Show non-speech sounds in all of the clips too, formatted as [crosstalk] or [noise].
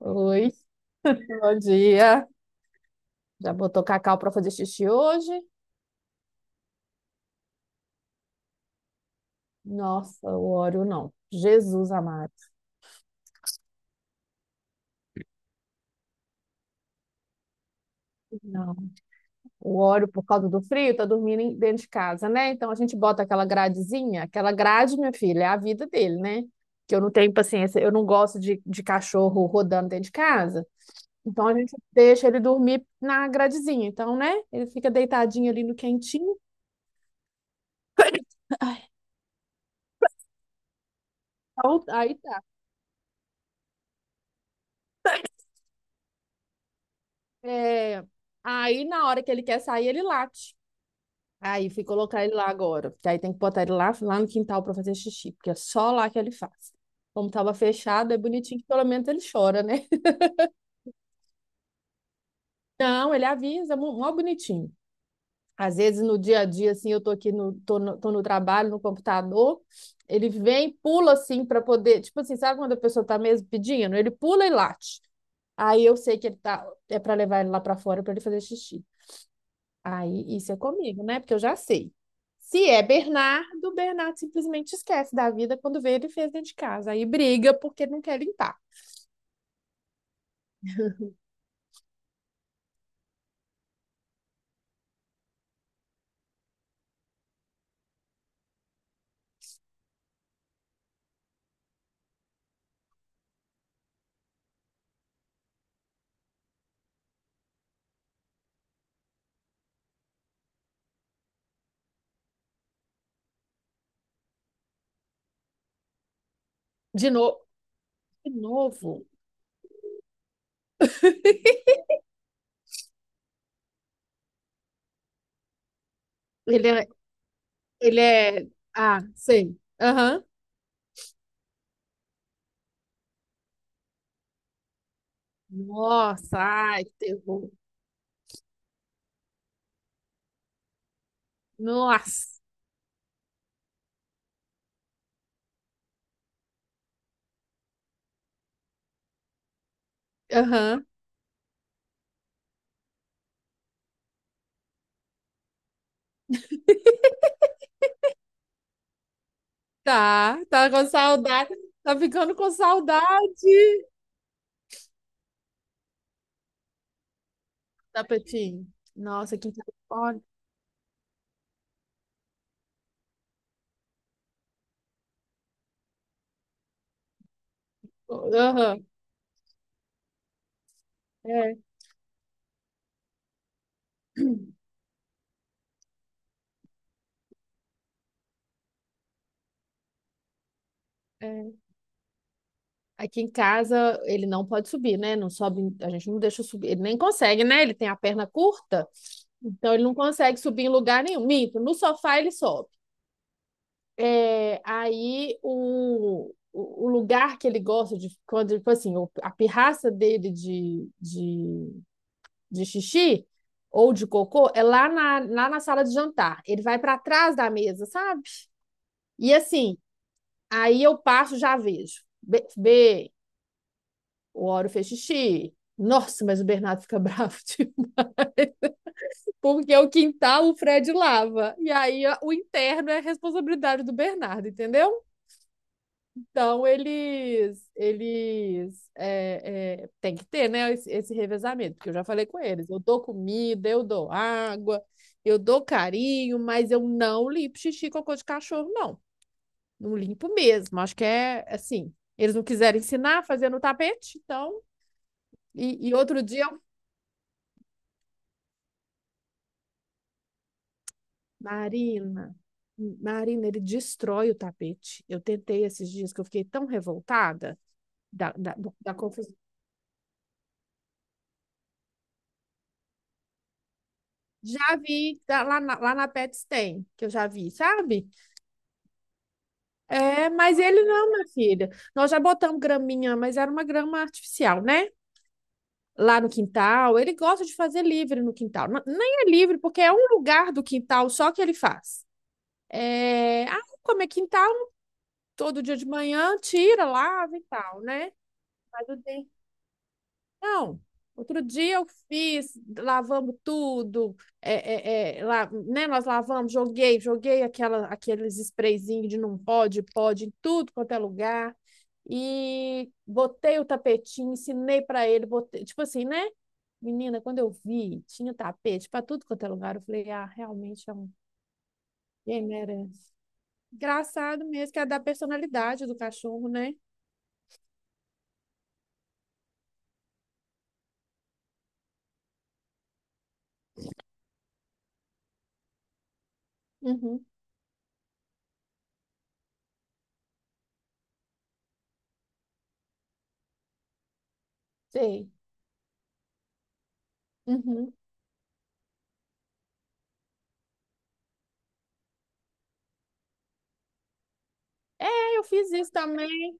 Oi, bom dia. Já botou cacau para fazer xixi hoje? Nossa, o óleo não. Jesus amado. Não. O óleo, por causa do frio, tá dormindo dentro de casa, né? Então a gente bota aquela gradezinha. Aquela grade, minha filha, é a vida dele, né? Que eu não tenho paciência, eu não gosto de cachorro rodando dentro de casa. Então a gente deixa ele dormir na gradezinha. Então, né? Ele fica deitadinho ali no quentinho. [coughs] Ai, então, aí tá. É, aí na hora que ele quer sair, ele late. Aí fui colocar ele lá agora, porque aí tem que botar ele lá no quintal para fazer xixi, porque é só lá que ele faz. Como tava fechado, é bonitinho que pelo menos ele chora, né? [laughs] Não, ele avisa, mó mó bonitinho. Às vezes no dia a dia, assim, eu tô no trabalho, no computador, ele vem, pula assim para poder, tipo assim, sabe quando a pessoa tá mesmo pedindo? Ele pula e late. Aí eu sei que é para levar ele lá para fora para ele fazer xixi. Aí, isso é comigo, né? Porque eu já sei. Se é Bernardo, Bernardo simplesmente esquece da vida quando vê ele fez dentro de casa. Aí briga porque não quer limpar. De novo, de novo. Ele é, ele é, ah, sei. Aham. Nossa, ai, que terror. Nossa. Aham. Tá com saudade. Tá ficando com saudade. Tapetinho. Nossa, que telefone. Aham. É, é. Aqui em casa ele não pode subir, né? Não sobe, a gente não deixa subir. Ele nem consegue, né? Ele tem a perna curta, então ele não consegue subir em lugar nenhum. Minto, no sofá ele sobe. É, aí o lugar que ele gosta de quando, tipo assim, a pirraça dele de xixi ou de cocô é lá na, sala de jantar. Ele vai para trás da mesa, sabe? E assim, aí eu passo, já vejo. Bebê, o Auro fez xixi. Nossa, mas o Bernardo fica [laughs] bravo, tipo, porque é o quintal, o Fred lava. E aí o interno é a responsabilidade do Bernardo, entendeu? Então eles tem que ter, né, esse revezamento, porque eu já falei com eles. Eu dou comida, eu dou água, eu dou carinho, mas eu não limpo xixi e cocô de cachorro, não. Não limpo mesmo. Acho que é assim. Eles não quiseram ensinar a fazer no tapete, então. E outro dia. Marina, Marina, ele destrói o tapete. Eu tentei esses dias que eu fiquei tão revoltada da confusão. Já vi tá, lá na Pets tem, que eu já vi, sabe? É, mas ele não, minha filha. Nós já botamos graminha, mas era uma grama artificial, né? Lá no quintal. Ele gosta de fazer livre no quintal. Nem é livre, porque é um lugar do quintal só que ele faz. É, ah, como é quintal, todo dia de manhã, tira, lava e tal, né? Mas o dente. Não, Outro dia eu fiz, lavamos tudo, lá, né, nós lavamos, joguei aqueles sprayzinhos de não pode, em tudo quanto é lugar, e botei o tapetinho, ensinei para ele, botei, tipo assim, né? Menina, quando eu vi, tinha tapete para tudo quanto é lugar, eu falei, ah, realmente é um, quem merece. Engraçado mesmo, que é da personalidade do cachorro, né? Uhum, sei. Uhum. É, eu fiz isso também.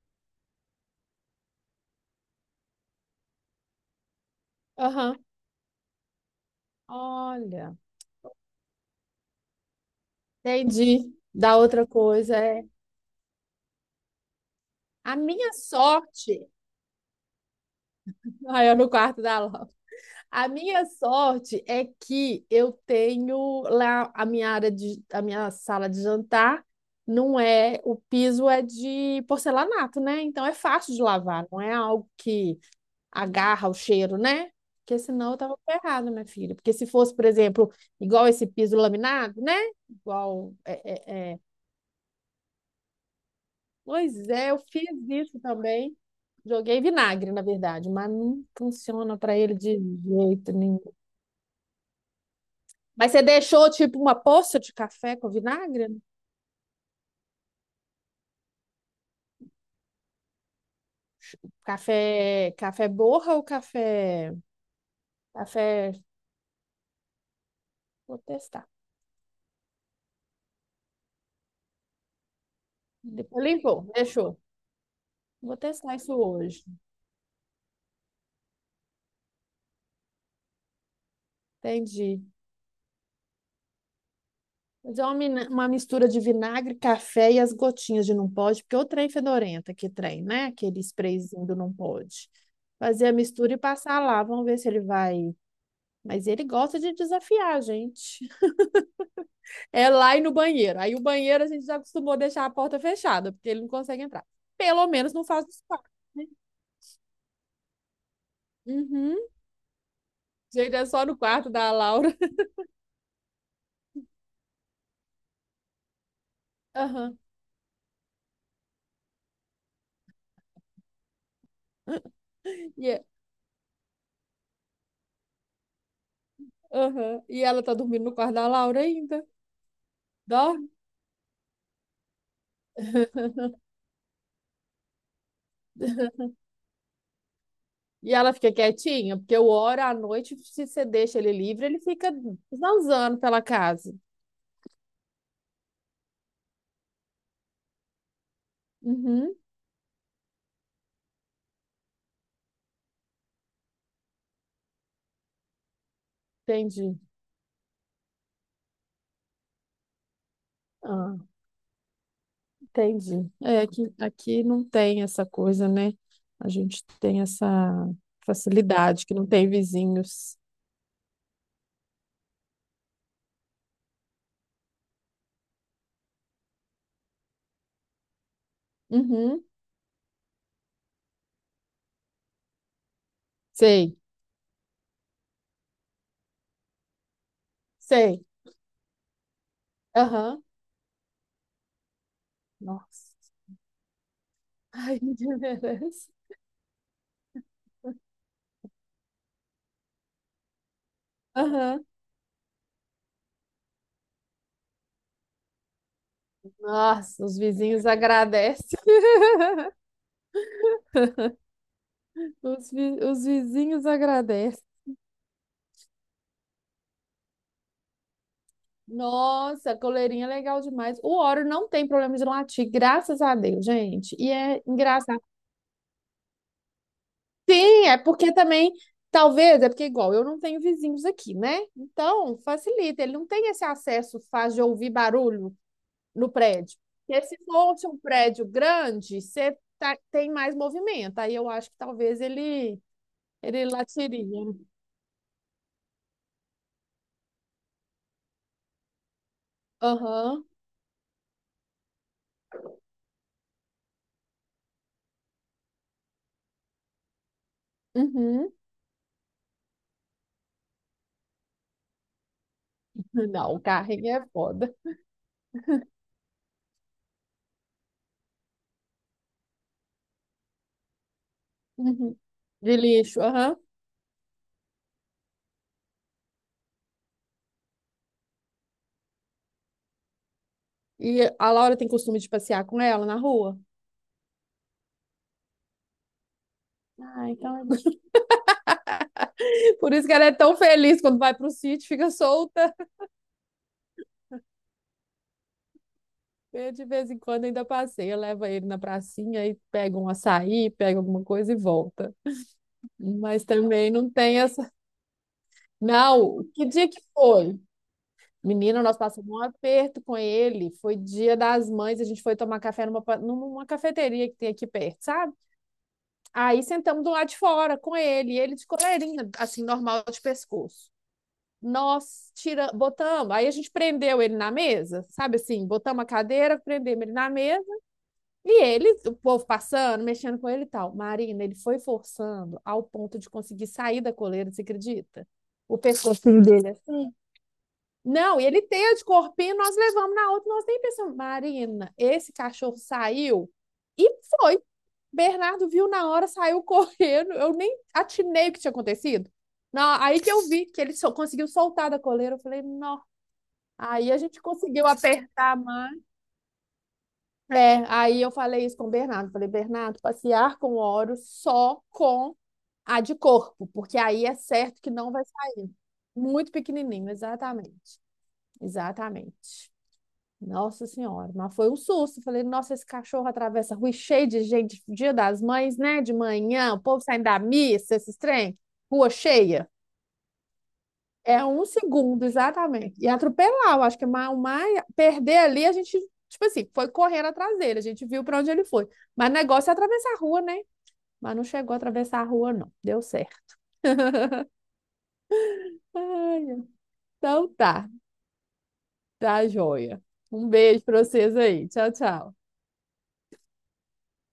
Aham. Olha, entendi. Da outra coisa é a minha sorte. Aí eu no quarto da Laura. A minha sorte é que eu tenho lá a minha sala de jantar. Não é O piso é de porcelanato, né? Então é fácil de lavar, não é algo que agarra o cheiro, né? Porque senão eu tava ferrada, minha filha. Porque se fosse, por exemplo, igual esse piso laminado, né? Igual é, é, é, Pois é, eu fiz isso também. Joguei vinagre, na verdade, mas não funciona para ele de jeito nenhum. Mas você deixou tipo uma poça de café com vinagre? Café, café borra ou café, café? Vou testar. Depois limpou, deixou. Vou testar isso hoje. Entendi. Mas é uma mistura de vinagre, café e as gotinhas de não pode, porque o trem fedorenta que trem, né? Aquele sprayzinho do não pode. Fazer a mistura e passar lá, vamos ver se ele vai. Mas ele gosta de desafiar a gente. É lá e no banheiro. Aí o banheiro a gente já acostumou a deixar a porta fechada, porque ele não consegue entrar. Pelo menos não faz nos quartos, né? Uhum. Gente, é só no quarto da Laura. [laughs] Aham. E, é- aham. E ela tá dormindo no quarto da Laura ainda. Dorme. [laughs] E ela fica quietinha, porque o hora à noite, se você deixa ele livre, ele fica zanzando pela casa. Uhum, entendi. Ah, entendi. É, aqui não tem essa coisa, né? A gente tem essa facilidade que não tem vizinhos. Uhum, sei, sei. Aham. Nossa. Ai, [laughs] que merece. Aham. Nossa, os vizinhos agradecem. [laughs] Os vizinhos agradecem. Nossa, coleirinha é legal demais. O Oreo não tem problema de latir, graças a Deus, gente. E é engraçado. Sim, é porque também, talvez, é porque igual, eu não tenho vizinhos aqui, né? Então, facilita. Ele não tem esse acesso fácil de ouvir barulho no prédio. Porque se fosse um prédio grande, você tem mais movimento. Aí eu acho que talvez ele latiria. Aham, uhum. Não, o carrinho é foda. Uhum. De lixo, aham. E a Laura tem costume de passear com ela na rua. Ah, então é isso. [laughs] Por isso que ela é tão feliz quando vai pro sítio, fica solta. Eu, de vez em quando, ainda passeio, leva ele na pracinha e pega um açaí, pega alguma coisa e volta. Mas também não tem essa. [laughs] Não, que dia que foi? Menina, nós passamos um aperto com ele. Foi dia das mães, a gente foi tomar café numa cafeteria que tem aqui perto, sabe? Aí sentamos do lado de fora com ele, e ele de coleirinha, assim, normal de pescoço. Nós botamos, aí a gente prendeu ele na mesa, sabe assim, botamos a cadeira, prendemos ele na mesa, e ele, o povo passando, mexendo com ele e tal. Marina, ele foi forçando ao ponto de conseguir sair da coleira, você acredita? O pescocinho dele assim. Não, e ele tem de corpinho, nós levamos na outra, nós nem pensamos, Marina, esse cachorro saiu e foi. Bernardo viu na hora, saiu correndo, eu nem atinei o que tinha acontecido. Não, aí que eu vi que ele só conseguiu soltar da coleira, eu falei, nossa. Aí a gente conseguiu apertar mais. É, aí eu falei isso com o Bernardo. Falei, Bernardo, passear com oro só com a de corpo, porque aí é certo que não vai sair. Muito pequenininho, exatamente. Exatamente. Nossa Senhora, mas foi um susto. Falei, nossa, esse cachorro atravessa a rua e cheio de gente, dia das mães, né? De manhã, o povo saindo da missa, esses trem, rua cheia. É um segundo, exatamente. E atropelar, eu acho que mais, mais perder ali, a gente, tipo assim, foi correndo atrás dele, a gente viu para onde ele foi. Mas o negócio é atravessar a rua, né? Mas não chegou a atravessar a rua, não. Deu certo. Ai, então tá, tá joia. Um beijo para vocês aí. Tchau, tchau.